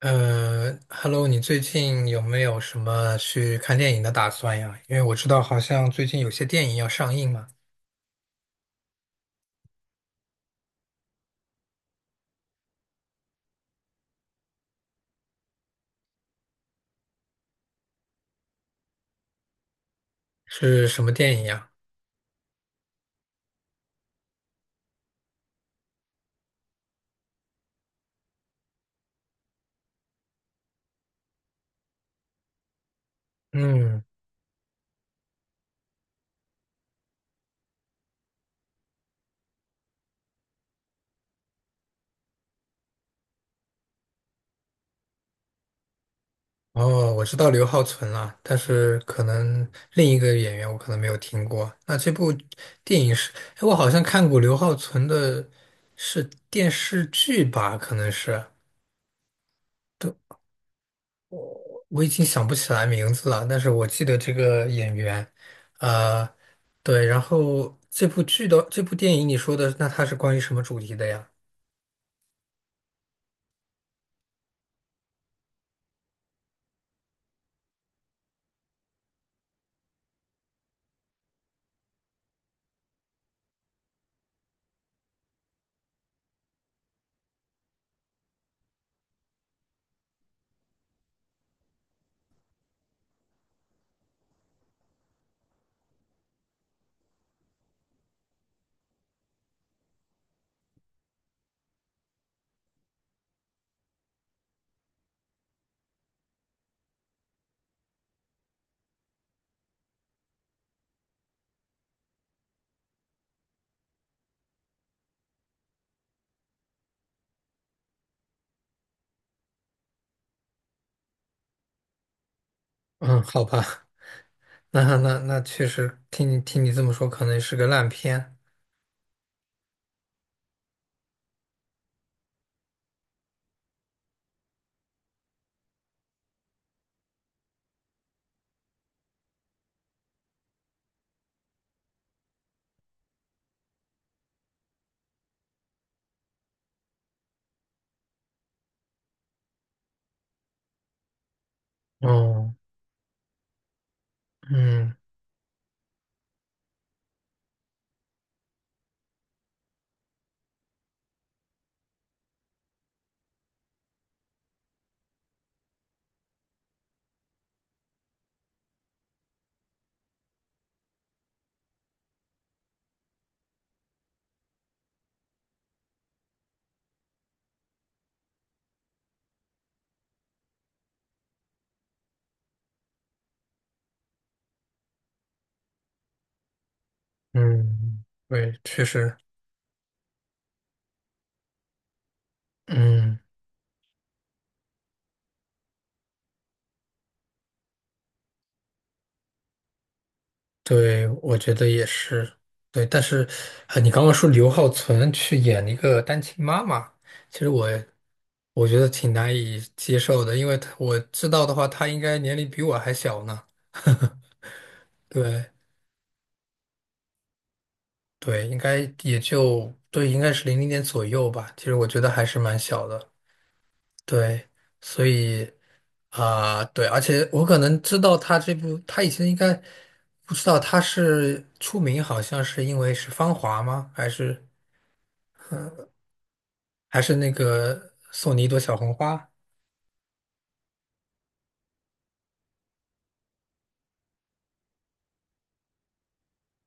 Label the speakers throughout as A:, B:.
A: Hello，你最近有没有什么去看电影的打算呀？因为我知道好像最近有些电影要上映嘛，是什么电影呀？嗯，哦，我知道刘浩存了，但是可能另一个演员我可能没有听过。那这部电影是，哎，我好像看过刘浩存的，是电视剧吧？可能是。我已经想不起来名字了，但是我记得这个演员，呃，对，然后这部剧的这部电影你说的，那它是关于什么主题的呀？嗯，好吧，那确实，听你这么说，可能是个烂片。哦，嗯嗯，对，确实，嗯。对，我觉得也是，对。但是，啊，你刚刚说刘浩存去演一个单亲妈妈，其实我觉得挺难以接受的，因为他我知道的话，他应该年龄比我还小呢。对对，应该也就对，应该是零零年左右吧。其实我觉得还是蛮小的。对，所以啊、对，而且我可能知道他这部，他以前应该不知道他是出名，好像是因为是《芳华》吗？还是？还是那个送你一朵小红花。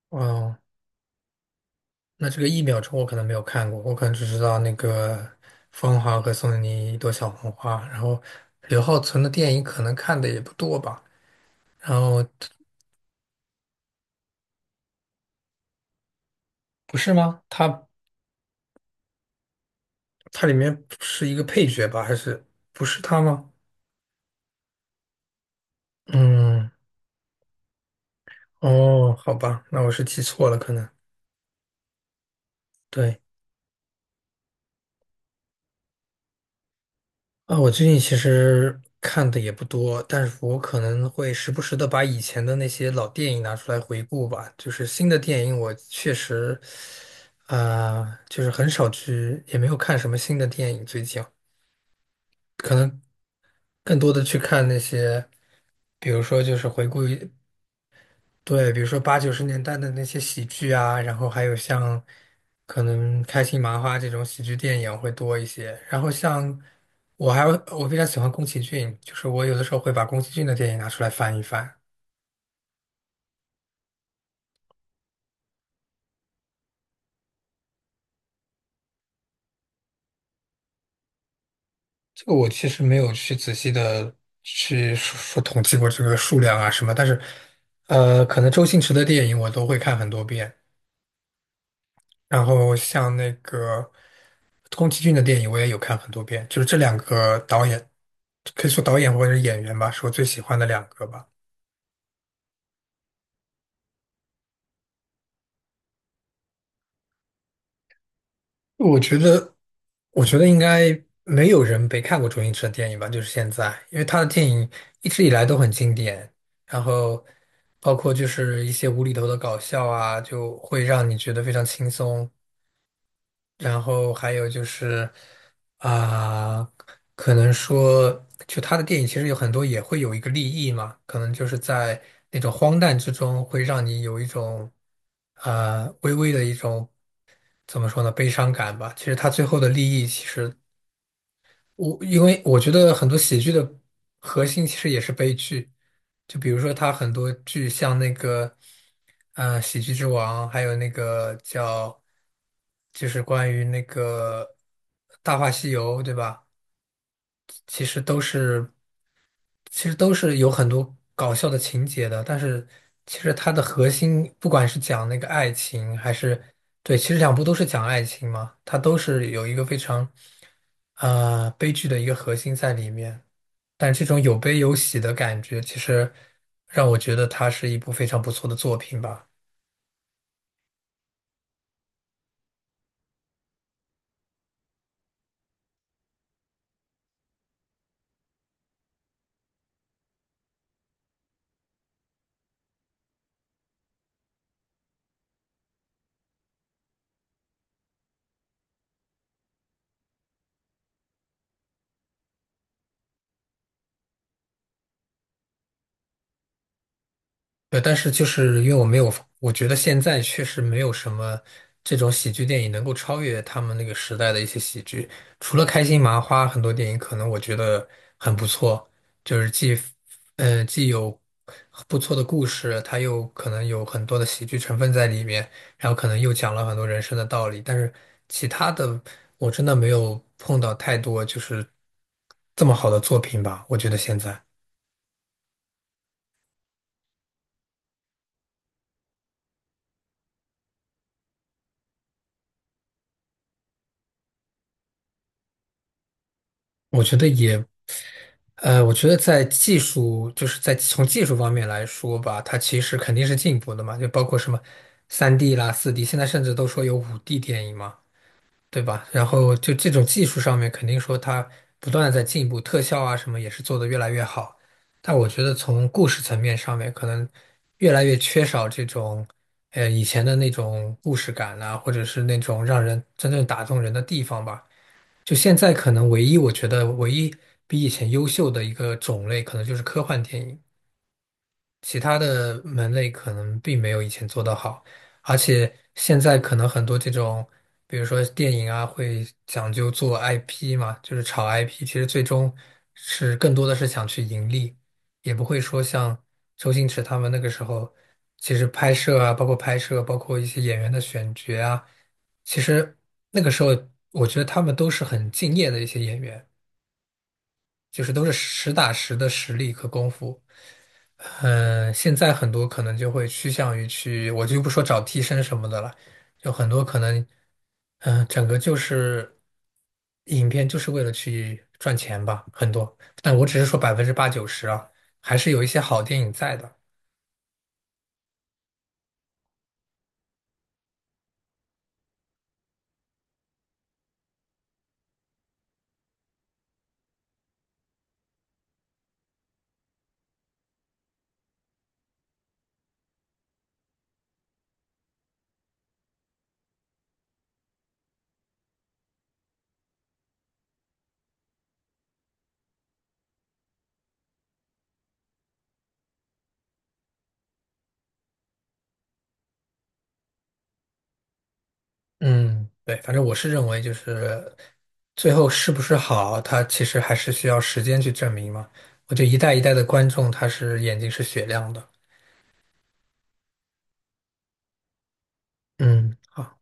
A: 哦，那这个一秒钟我可能没有看过，我可能只知道那个芳华和送你一朵小红花。然后刘浩存的电影可能看的也不多吧。然后不是吗？他里面是一个配角吧？还是不是他吗？嗯，哦，好吧，那我是记错了，可能对。啊，我最近其实看的也不多，但是我可能会时不时的把以前的那些老电影拿出来回顾吧。就是新的电影，我确实，啊、就是很少去，也没有看什么新的电影。最近可能更多的去看那些，比如说就是回顾。对，比如说八九十年代的那些喜剧啊，然后还有像可能开心麻花这种喜剧电影会多一些。然后像我还有我非常喜欢宫崎骏，就是我有的时候会把宫崎骏的电影拿出来翻一翻。这个我其实没有去仔细的去说统计过这个数量啊什么，但是可能周星驰的电影我都会看很多遍。然后像那个宫崎骏的电影，我也有看很多遍，就是这两个导演，可以说导演或者是演员吧，是我最喜欢的两个吧。我觉得，我觉得应该没有人没看过周星驰的电影吧，就是现在，因为他的电影一直以来都很经典，然后包括就是一些无厘头的搞笑啊，就会让你觉得非常轻松，然后还有就是啊、可能说，就他的电影其实有很多也会有一个利益嘛，可能就是在那种荒诞之中，会让你有一种啊、微微的一种怎么说呢悲伤感吧。其实他最后的利益其实我因为我觉得很多喜剧的核心其实也是悲剧，就比如说他很多剧像那个，喜剧之王》，还有那个叫，就是关于那个《大话西游》，对吧？其实都是其实都是有很多搞笑的情节的，但是其实它的核心，不管是讲那个爱情，还是对，其实两部都是讲爱情嘛，它都是有一个非常悲剧的一个核心在里面。但这种有悲有喜的感觉，其实让我觉得它是一部非常不错的作品吧。对，但是就是因为我没有，我觉得现在确实没有什么这种喜剧电影能够超越他们那个时代的一些喜剧。除了开心麻花，很多电影可能我觉得很不错，就是既有不错的故事，它又可能有很多的喜剧成分在里面，然后可能又讲了很多人生的道理。但是其他的，我真的没有碰到太多就是这么好的作品吧，我觉得现在。我觉得也我觉得在技术，就是在从技术方面来说吧，它其实肯定是进步的嘛，就包括什么3D 啦、4D 现在甚至都说有5D 电影嘛，对吧？然后就这种技术上面，肯定说它不断的在进步，特效啊什么也是做得越来越好。但我觉得从故事层面上面，可能越来越缺少这种，以前的那种故事感啊，或者是那种让人真正打动人的地方吧。就现在可能唯一我觉得唯一比以前优秀的一个种类，可能就是科幻电影。其他的门类可能并没有以前做得好，而且现在可能很多这种，比如说电影啊，会讲究做 IP 嘛，就是炒 IP,其实最终是更多的是想去盈利，也不会说像周星驰他们那个时候，其实拍摄啊，包括拍摄，包括一些演员的选角啊，其实那个时候我觉得他们都是很敬业的一些演员，就是都是实打实的实力和功夫。嗯，现在很多可能就会趋向于去，我就不说找替身什么的了，就很多可能，整个就是影片就是为了去赚钱吧，很多。但我只是说百分之八九十啊，还是有一些好电影在的。嗯，对，反正我是认为就是最后是不是好，它其实还是需要时间去证明嘛。我觉得一代一代的观众，他是眼睛是雪亮的。嗯，好，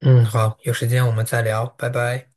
A: 嗯，好，有时间我们再聊，拜拜。